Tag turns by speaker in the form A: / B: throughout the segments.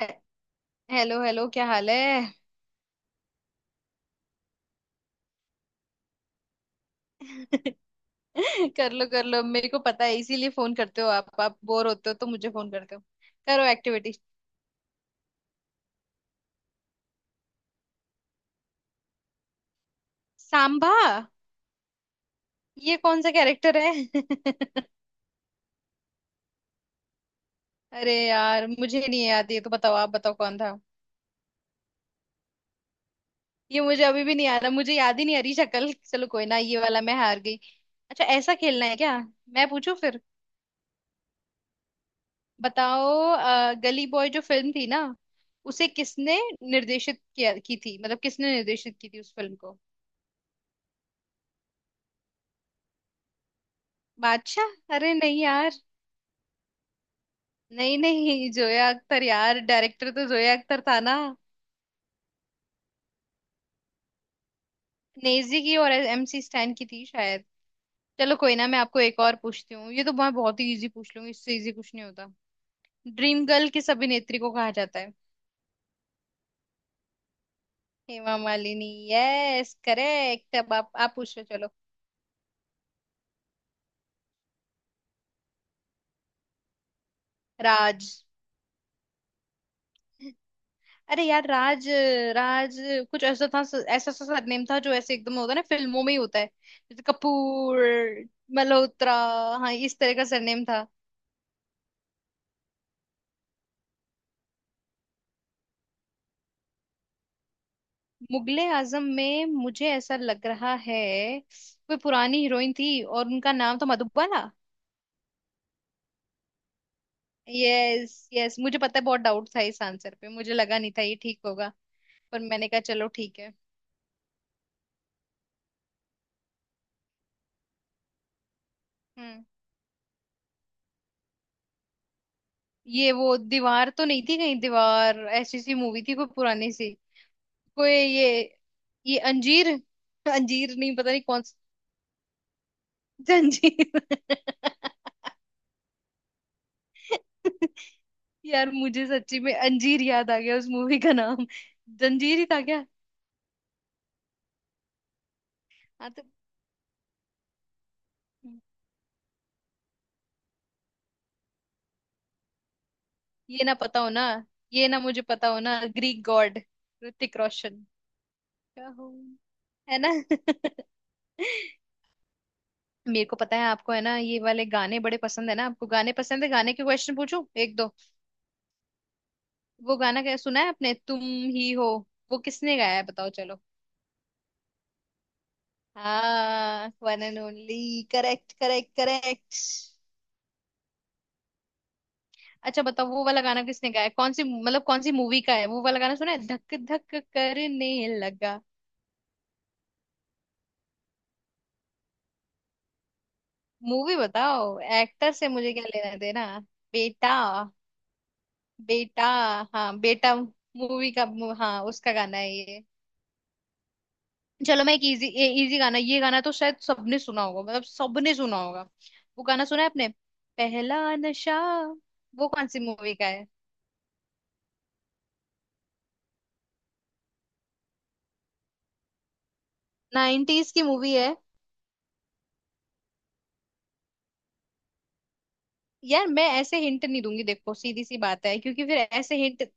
A: हे- hello hello, क्या हाल है? कर लो कर लो, मेरे को पता है इसीलिए फोन करते हो। आप बोर होते हो तो मुझे फोन करते हो। करो एक्टिविटी। सांभा। ये कौन सा कैरेक्टर है? अरे यार, मुझे नहीं याद, ये तो बताओ, आप बताओ कौन था। ये मुझे अभी भी नहीं आ रहा, मुझे याद ही नहीं आ रही शक्ल। चलो कोई ना, ये वाला मैं हार गई। अच्छा ऐसा खेलना है क्या? मैं पूछू फिर। बताओ। गली बॉय जो फिल्म थी ना, उसे किसने निर्देशित किया की थी, मतलब किसने निर्देशित की थी उस फिल्म को? बादशाह? अरे नहीं यार। नहीं नहीं, जोया अख्तर यार, डायरेक्टर तो जोया अख्तर था ना। नेजी की और एमसी स्टैन की थी शायद। चलो कोई ना, मैं आपको एक और पूछती हूँ। ये तो मैं बहुत ही इजी पूछ लूंगी, इससे इजी कुछ नहीं होता। ड्रीम गर्ल किस अभिनेत्री को कहा जाता है? हेमा मालिनी। Yes, correct. अब आप पूछो चलो। राज। अरे यार, राज राज कुछ ऐसा था। ऐसा सा सरनेम था जो ऐसे एकदम होता है ना, फिल्मों में ही होता है। जैसे कपूर, मल्होत्रा। हाँ, इस तरह का सरनेम था। मुगले आजम में मुझे ऐसा लग रहा है, कोई पुरानी हीरोइन थी और उनका नाम था मधुबाला। यस यस, मुझे पता है। बहुत डाउट था इस आंसर पे, मुझे लगा नहीं था ये ठीक होगा, पर मैंने कहा चलो ठीक है। हम्म। ये वो दीवार तो नहीं थी कहीं, दीवार ऐसी सी मूवी थी कोई पुरानी सी। कोई ये अंजीर। अंजीर नहीं, पता नहीं कौन सा। जंजीर। यार मुझे सच्ची में अंजीर याद आ गया उस मूवी का नाम। जंजीर ही था क्या? हाँ तो, ये ना पता हो ना, ये ना मुझे पता हो ना, ग्रीक गॉड ऋतिक रोशन। क्या हो है ना। मेरे को पता है आपको है ना, ये वाले गाने बड़े पसंद है ना आपको, गाने पसंद है, गाने के क्वेश्चन पूछूं एक दो। वो गाना क्या सुना है आपने, तुम ही हो, वो किसने गाया है बताओ चलो। हाँ, one and only, correct correct correct. अच्छा बताओ वो वाला गाना किसने गाया है? कौन सी, मतलब कौन सी मूवी का है वो वाला गाना, सुना है, धक धक करने लगा। मूवी बताओ, एक्टर से मुझे क्या लेना देना। बेटा। बेटा। हाँ बेटा मूवी का। हाँ, उसका गाना है ये। चलो मैं एक इजी, इजी गाना, ये गाना तो शायद सबने सुना होगा, मतलब सबने सुना होगा। वो गाना सुना है आपने, पहला नशा, वो कौन सी मूवी का है? नाइनटीज की मूवी है। यार मैं ऐसे हिंट नहीं दूंगी, देखो सीधी सी बात है क्योंकि फिर ऐसे हिंट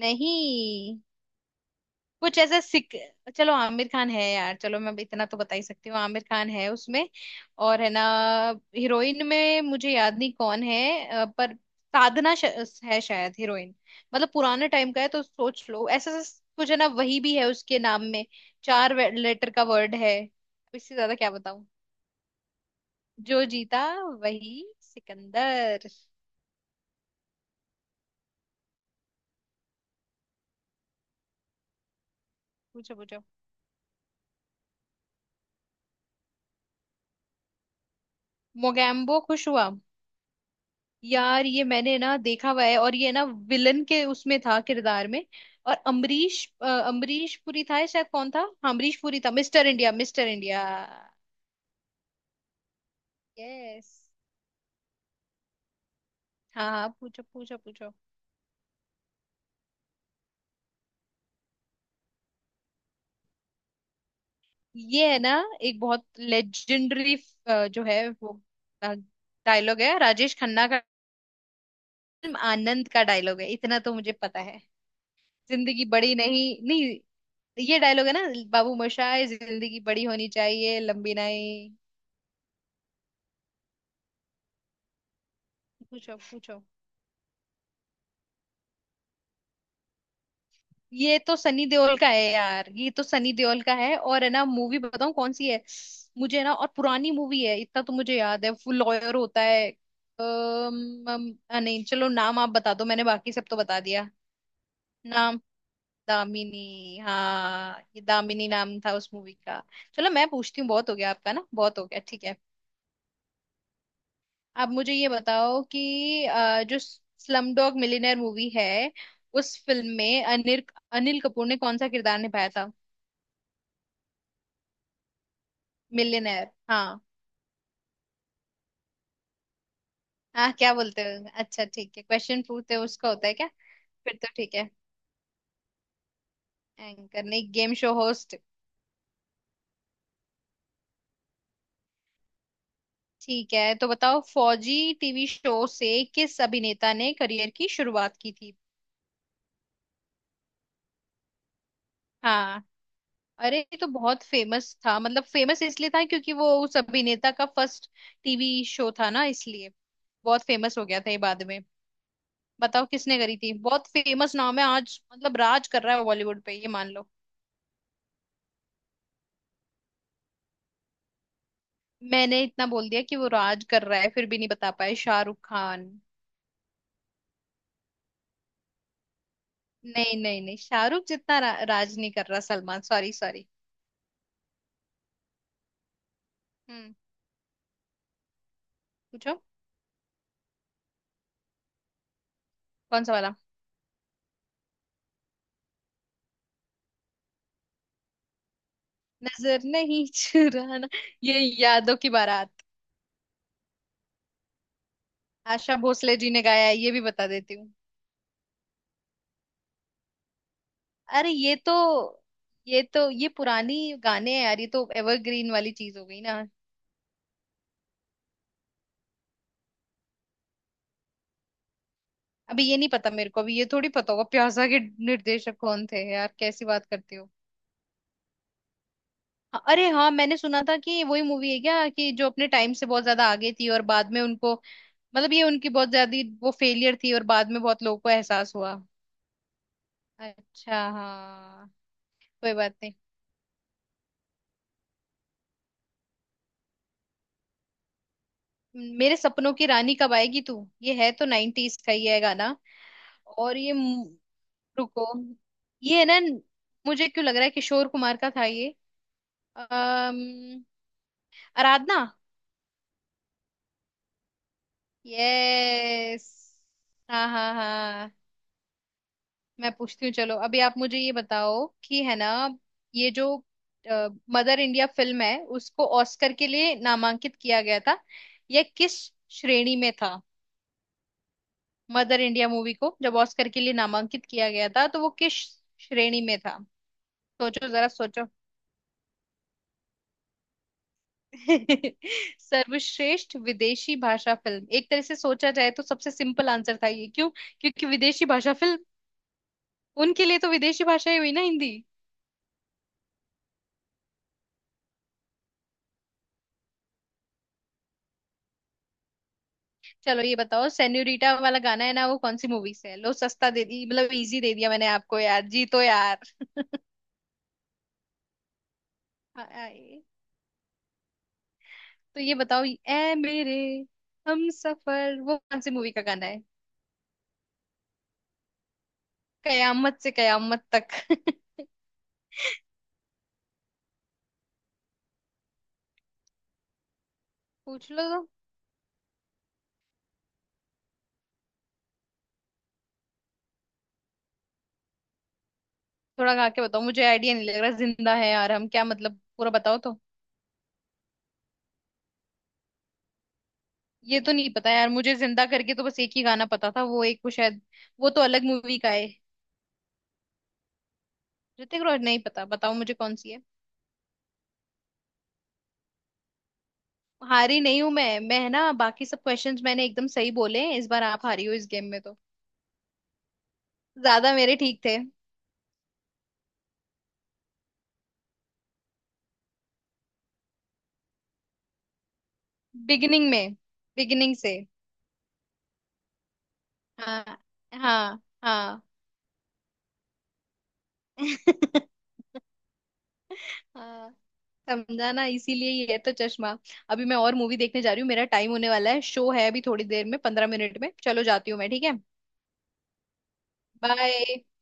A: नहीं, कुछ ऐसा सिक। चलो आमिर खान है यार, चलो मैं इतना तो बता ही सकती हूँ, आमिर खान है उसमें। और है ना, हीरोइन में मुझे याद नहीं कौन है। पर साधना श... है शायद हीरोइन। मतलब पुराने टाइम का है तो सोच लो। ऐसा ऐसा कुछ है ना वही भी है उसके नाम में। चार लेटर का वर्ड है। इससे ज्यादा क्या बताऊं? जो जीता वही सिकंदर। पूछो पूछो। मोगैम्बो खुश हुआ। यार ये मैंने ना देखा हुआ है, और ये ना विलन के उसमें था किरदार में। और अमरीश पुरी था, या शायद कौन था, हाँ, अमरीश पुरी था। Mister India, Mister India. Yes. हाँ हाँ, पूछो पूछो पूछो। ये है ना एक बहुत लेजेंडरी जो है, वो डायलॉग है राजेश खन्ना का। फिल्म आनंद का डायलॉग है, इतना तो मुझे पता है। जिंदगी बड़ी नहीं, नहीं, ये डायलॉग है ना, बाबू मोशाय जिंदगी बड़ी होनी चाहिए, लंबी नहीं। पूछो पूछो। ये तो सनी देओल का है यार, ये तो सनी देओल का है। और है ना, मूवी बताऊं कौन सी है, मुझे है ना, और पुरानी मूवी है, इतना तो मुझे याद है, वो लॉयर होता है। अम, अम, आ, नहीं चलो नाम आप बता दो, मैंने बाकी सब तो बता दिया। नाम। दामिनी, हाँ ये दामिनी नाम था उस मूवी का। चलो मैं पूछती हूँ, बहुत हो गया आपका ना, बहुत हो गया, ठीक है। अब मुझे ये बताओ कि जो स्लम डॉग मिलियनेयर मूवी है, उस फिल्म में अनिल अनिल कपूर ने कौन सा किरदार निभाया था? मिलियनेयर, हाँ। हाँ क्या बोलते हो, अच्छा ठीक है, क्वेश्चन पूछते हो उसका होता है क्या? फिर तो ठीक है। एंकर नहीं, गेम शो होस्ट। ठीक है तो बताओ, फौजी टीवी शो से किस अभिनेता ने करियर की शुरुआत की थी? हाँ। अरे ये तो बहुत फेमस था, मतलब फेमस इसलिए था क्योंकि वो उस अभिनेता का फर्स्ट टीवी शो था ना, इसलिए बहुत फेमस हो गया था ये बाद में। बताओ किसने करी थी, बहुत फेमस नाम है आज, मतलब राज कर रहा है बॉलीवुड पे ये, मान लो। मैंने इतना बोल दिया कि वो राज कर रहा है फिर भी नहीं बता पाए, शाहरुख खान। नहीं नहीं नहीं, शाहरुख जितना राज नहीं कर रहा सलमान, सॉरी सॉरी। हम्म। पूछो। कौन सा वाला? नजर नहीं चुराना। ये यादों की बारात। आशा भोसले जी ने गाया है ये भी बता देती हूँ। अरे ये तो ये पुरानी गाने हैं यार, ये तो एवरग्रीन वाली चीज हो गई ना। अभी ये नहीं पता मेरे को, अभी ये थोड़ी पता होगा प्यासा के निर्देशक कौन थे, यार कैसी बात करती हो। अरे हाँ, मैंने सुना था कि वही मूवी है क्या, कि जो अपने टाइम से बहुत ज्यादा आगे थी और बाद में उनको, मतलब ये उनकी बहुत ज्यादा, वो फेलियर थी और बाद में बहुत लोगों को एहसास हुआ। अच्छा हाँ। कोई बात नहीं। मेरे सपनों की रानी कब आएगी तू, ये है तो नाइनटीज का ही है गाना। और ये रुको, ये है ना, मुझे क्यों लग रहा है किशोर कुमार का था ये। अम, आराधना। यस, हाँ हाँ हाँ। मैं पूछती हूँ चलो। अभी आप मुझे ये बताओ कि है ना, ये जो मदर इंडिया फिल्म है, उसको ऑस्कर के लिए नामांकित किया गया था, यह किस श्रेणी में था? मदर इंडिया मूवी को जब ऑस्कर के लिए नामांकित किया गया था तो वो किस श्रेणी में था? सोचो जरा सोचो। सर्वश्रेष्ठ विदेशी भाषा फिल्म। एक तरह से सोचा जाए तो सबसे सिंपल आंसर था ये, क्यों? क्योंकि विदेशी भाषा फिल्म, उनके लिए तो विदेशी भाषा ही हुई ना हिंदी। चलो ये बताओ, सेन्यूरिटा वाला गाना है ना, वो कौन सी मूवी से है? लो सस्ता दे दी, मतलब इजी दे दिया मैंने आपको यार जी, तो यार आए। तो ये बताओ, ए मेरे हम सफर, वो कौन सी मूवी का गाना है? कयामत से कयामत तक। पूछ लो तो। थोड़ा गा के बताओ, मुझे आइडिया नहीं लग रहा, जिंदा है यार हम, क्या मतलब, पूरा बताओ तो। ये तो नहीं पता यार मुझे, जिंदा करके तो बस एक ही गाना पता था, वो एक, वो शायद वो तो अलग मूवी का है। ऋतिक रोशन नहीं पता, बताओ मुझे कौन सी है। हारी नहीं हूं मैं है ना, बाकी सब क्वेश्चंस मैंने एकदम सही बोले हैं। इस बार आप हारी हो इस गेम में तो, ज्यादा मेरे ठीक थे। बिगिनिंग में, बिगिनिंग से। हाँ हाँ हाँ। हाँ, समझा ना, इसीलिए ये है तो चश्मा। अभी मैं और मूवी देखने जा रही हूँ, मेरा टाइम होने वाला है, शो है अभी थोड़ी देर में, 15 मिनट में, चलो जाती हूँ मैं, ठीक है। बाय।